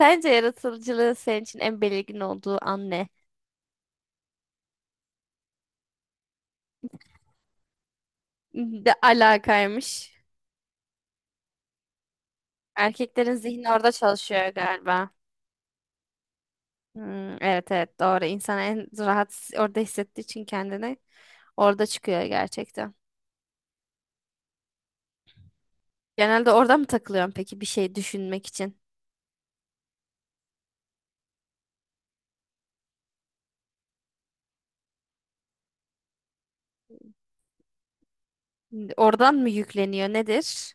Sence yaratıcılığın senin için en belirgin olduğu an ne? De alakaymış. Erkeklerin zihni orada çalışıyor galiba. Hmm, evet evet doğru. İnsan en rahat orada hissettiği için kendini orada çıkıyor gerçekten. Genelde orada mı takılıyorsun peki bir şey düşünmek için? Oradan mı yükleniyor nedir?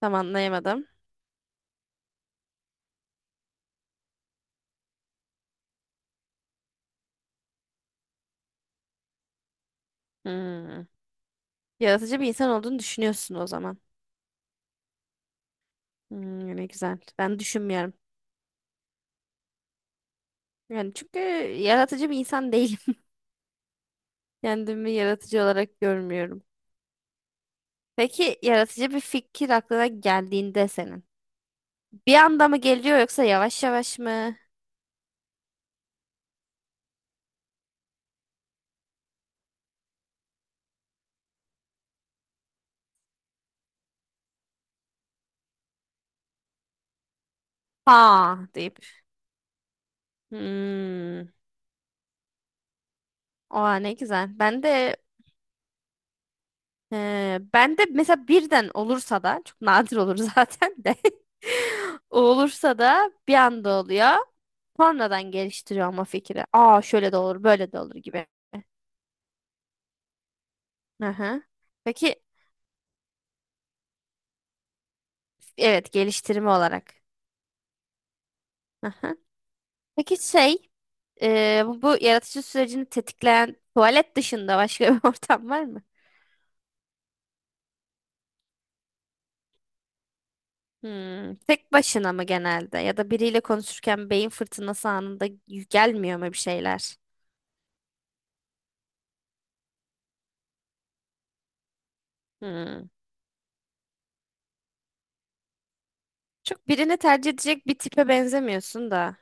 Tam anlayamadım. Hmm. Yaratıcı bir insan olduğunu düşünüyorsun o zaman. Hmm, ne güzel. Ben düşünmüyorum. Yani çünkü yaratıcı bir insan değilim. Kendimi yaratıcı olarak görmüyorum. Peki yaratıcı bir fikir aklına geldiğinde senin. Bir anda mı geliyor yoksa yavaş yavaş mı? Ha deyip. Hmm. Oha ne güzel. Ben de ben de mesela birden olursa da çok nadir olur zaten de. Olursa da bir anda oluyor. Sonradan geliştiriyorum o fikri. Aa şöyle de olur, böyle de olur gibi. Hı hı. Peki evet geliştirme olarak. Hı hı. Peki şey. Bu yaratıcı sürecini tetikleyen tuvalet dışında başka bir ortam var mı? Hmm, tek başına mı genelde? Ya da biriyle konuşurken beyin fırtınası anında gelmiyor mu bir şeyler? Hmm. Çok birini tercih edecek bir tipe benzemiyorsun da.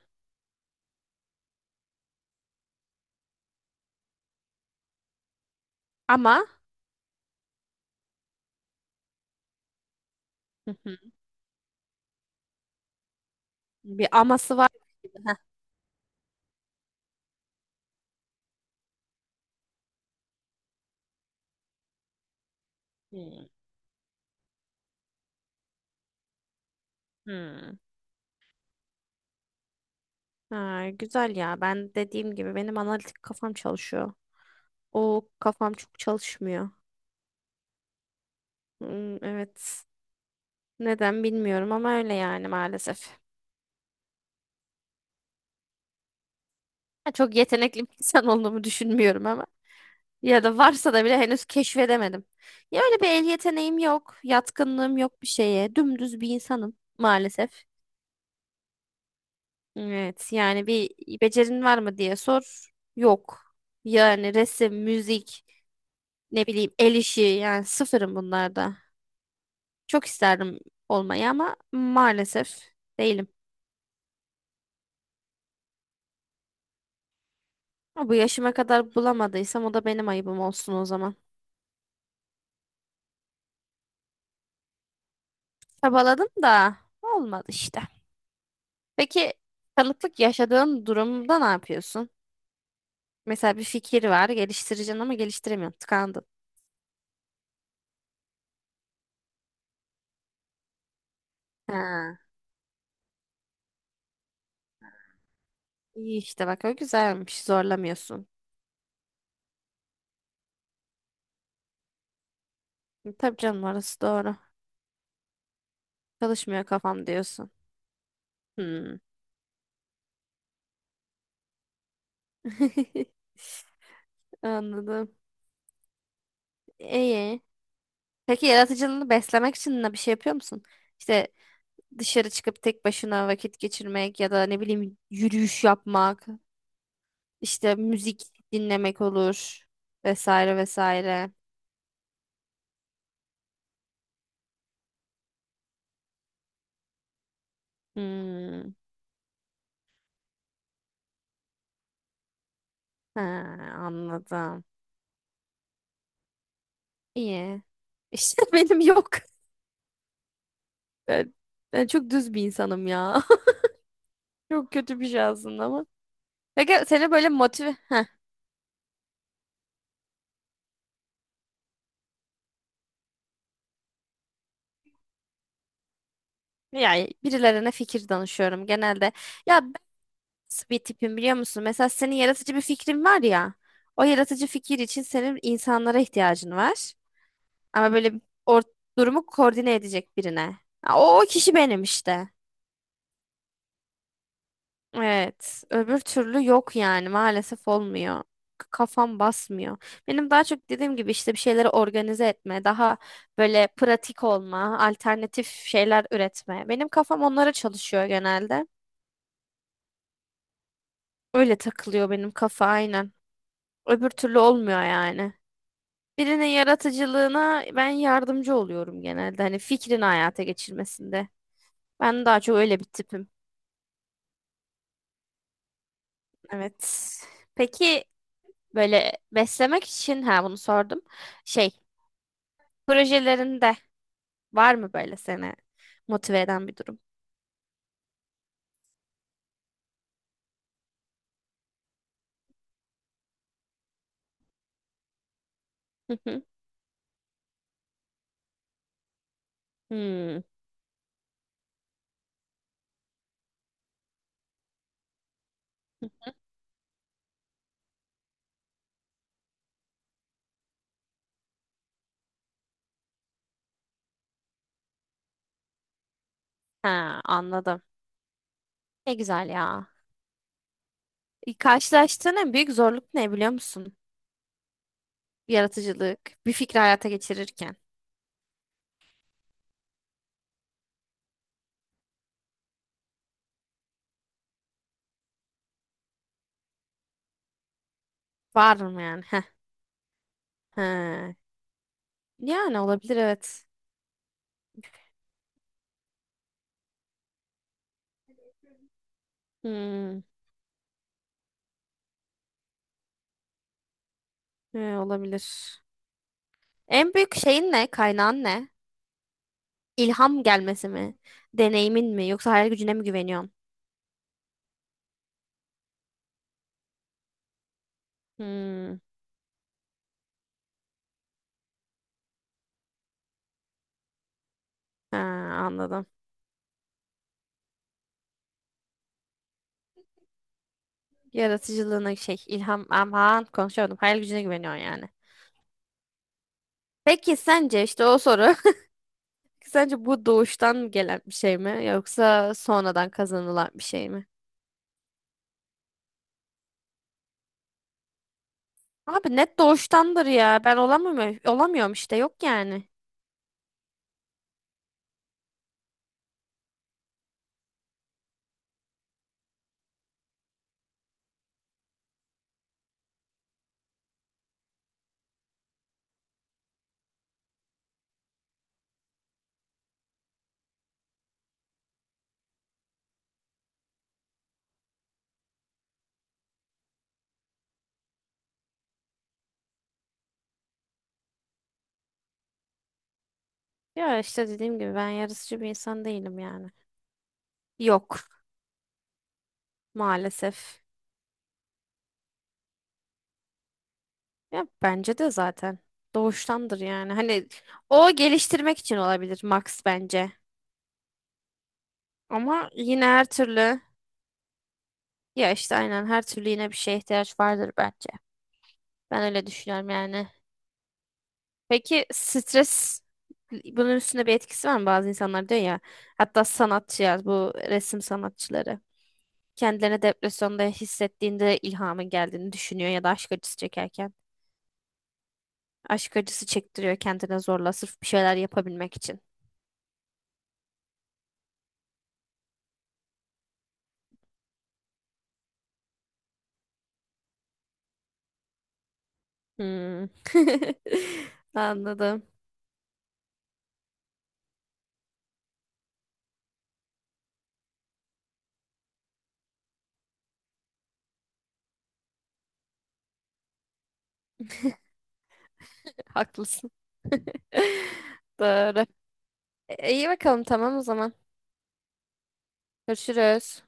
Ama hı hı, bir aması var. Gibi. Heh. Hmm. Hmm. Ha, güzel ya. Ben dediğim gibi benim analitik kafam çalışıyor. O kafam çok çalışmıyor. Hmm, evet. Neden bilmiyorum ama öyle yani maalesef. Çok yetenekli bir insan olduğumu düşünmüyorum ama. Ya da varsa da bile henüz keşfedemedim. Ya öyle bir el yeteneğim yok, yatkınlığım yok bir şeye. Dümdüz bir insanım maalesef. Evet, yani bir becerin var mı diye sor. Yok. Yani resim, müzik, ne bileyim el işi yani sıfırım bunlarda. Çok isterdim olmayı ama maalesef değilim. Ama bu yaşıma kadar bulamadıysam o da benim ayıbım olsun o zaman. Çabaladım da olmadı işte. Peki tanıklık yaşadığın durumda ne yapıyorsun? Mesela bir fikir var, geliştireceksin ama geliştiremiyorsun, tıkandın. Ha, iyi işte bak o güzelmiş, zorlamıyorsun. Tabii canım orası doğru. Çalışmıyor kafam diyorsun. Hmm. Anladım. İyi. Peki yaratıcılığını beslemek için ne bir şey yapıyor musun? İşte dışarı çıkıp tek başına vakit geçirmek ya da ne bileyim yürüyüş yapmak, işte müzik dinlemek olur vesaire vesaire. Hmm. Ha, anladım. İyi. İşte benim yok. Ben, ben çok düz bir insanım ya. Çok kötü bir şey aslında ama. Peki seni böyle motive... Yani birilerine fikir danışıyorum genelde. Ya ben nasıl bir tipim biliyor musun? Mesela senin yaratıcı bir fikrin var ya. O yaratıcı fikir için senin insanlara ihtiyacın var. Ama böyle or durumu koordine edecek birine. Ha, o kişi benim işte. Evet, öbür türlü yok yani maalesef olmuyor. K- kafam basmıyor. Benim daha çok dediğim gibi işte bir şeyleri organize etme, daha böyle pratik olma, alternatif şeyler üretme. Benim kafam onlara çalışıyor genelde. Öyle takılıyor benim kafa aynen. Öbür türlü olmuyor yani. Birinin yaratıcılığına ben yardımcı oluyorum genelde. Hani fikrini hayata geçirmesinde. Ben daha çok öyle bir tipim. Evet. Peki böyle beslemek için ha bunu sordum. Şey, projelerinde var mı böyle seni motive eden bir durum? Hı hı. Hmm. Ha, anladım. Ne güzel ya. Karşılaştığın en büyük zorluk ne biliyor musun? Yaratıcılık, bir fikri hayata geçirirken. Var mı yani? Heh. He. Yani olabilir evet. Hmm. He, olabilir. En büyük şeyin ne? Kaynağın ne? İlham gelmesi mi? Deneyimin mi? Yoksa hayal gücüne mi güveniyorsun? Hmm. Ha, anladım. Yaratıcılığına şey ilham aman konuşamadım. Hayal gücüne güveniyorsun yani. Peki sence işte o soru. Sence bu doğuştan gelen bir şey mi yoksa sonradan kazanılan bir şey mi? Abi net doğuştandır ya. Ben olamıyorum, işte yok yani. Ya işte dediğim gibi ben yarısıcı bir insan değilim yani. Yok maalesef. Ya bence de zaten doğuştandır yani. Hani o geliştirmek için olabilir Max bence. Ama yine her türlü. Ya işte aynen her türlü yine bir şeye ihtiyaç vardır bence. Ben öyle düşünüyorum yani. Peki stres bunun üstünde bir etkisi var mı? Bazı insanlar diyor ya, hatta sanatçılar, bu resim sanatçıları kendilerini depresyonda hissettiğinde ilhamın geldiğini düşünüyor ya da aşk acısı çekerken. Aşk acısı çektiriyor kendine zorla sırf bir şeyler yapabilmek için. Hmm. Anladım. Haklısın. Doğru. İyi bakalım tamam o zaman. Görüşürüz.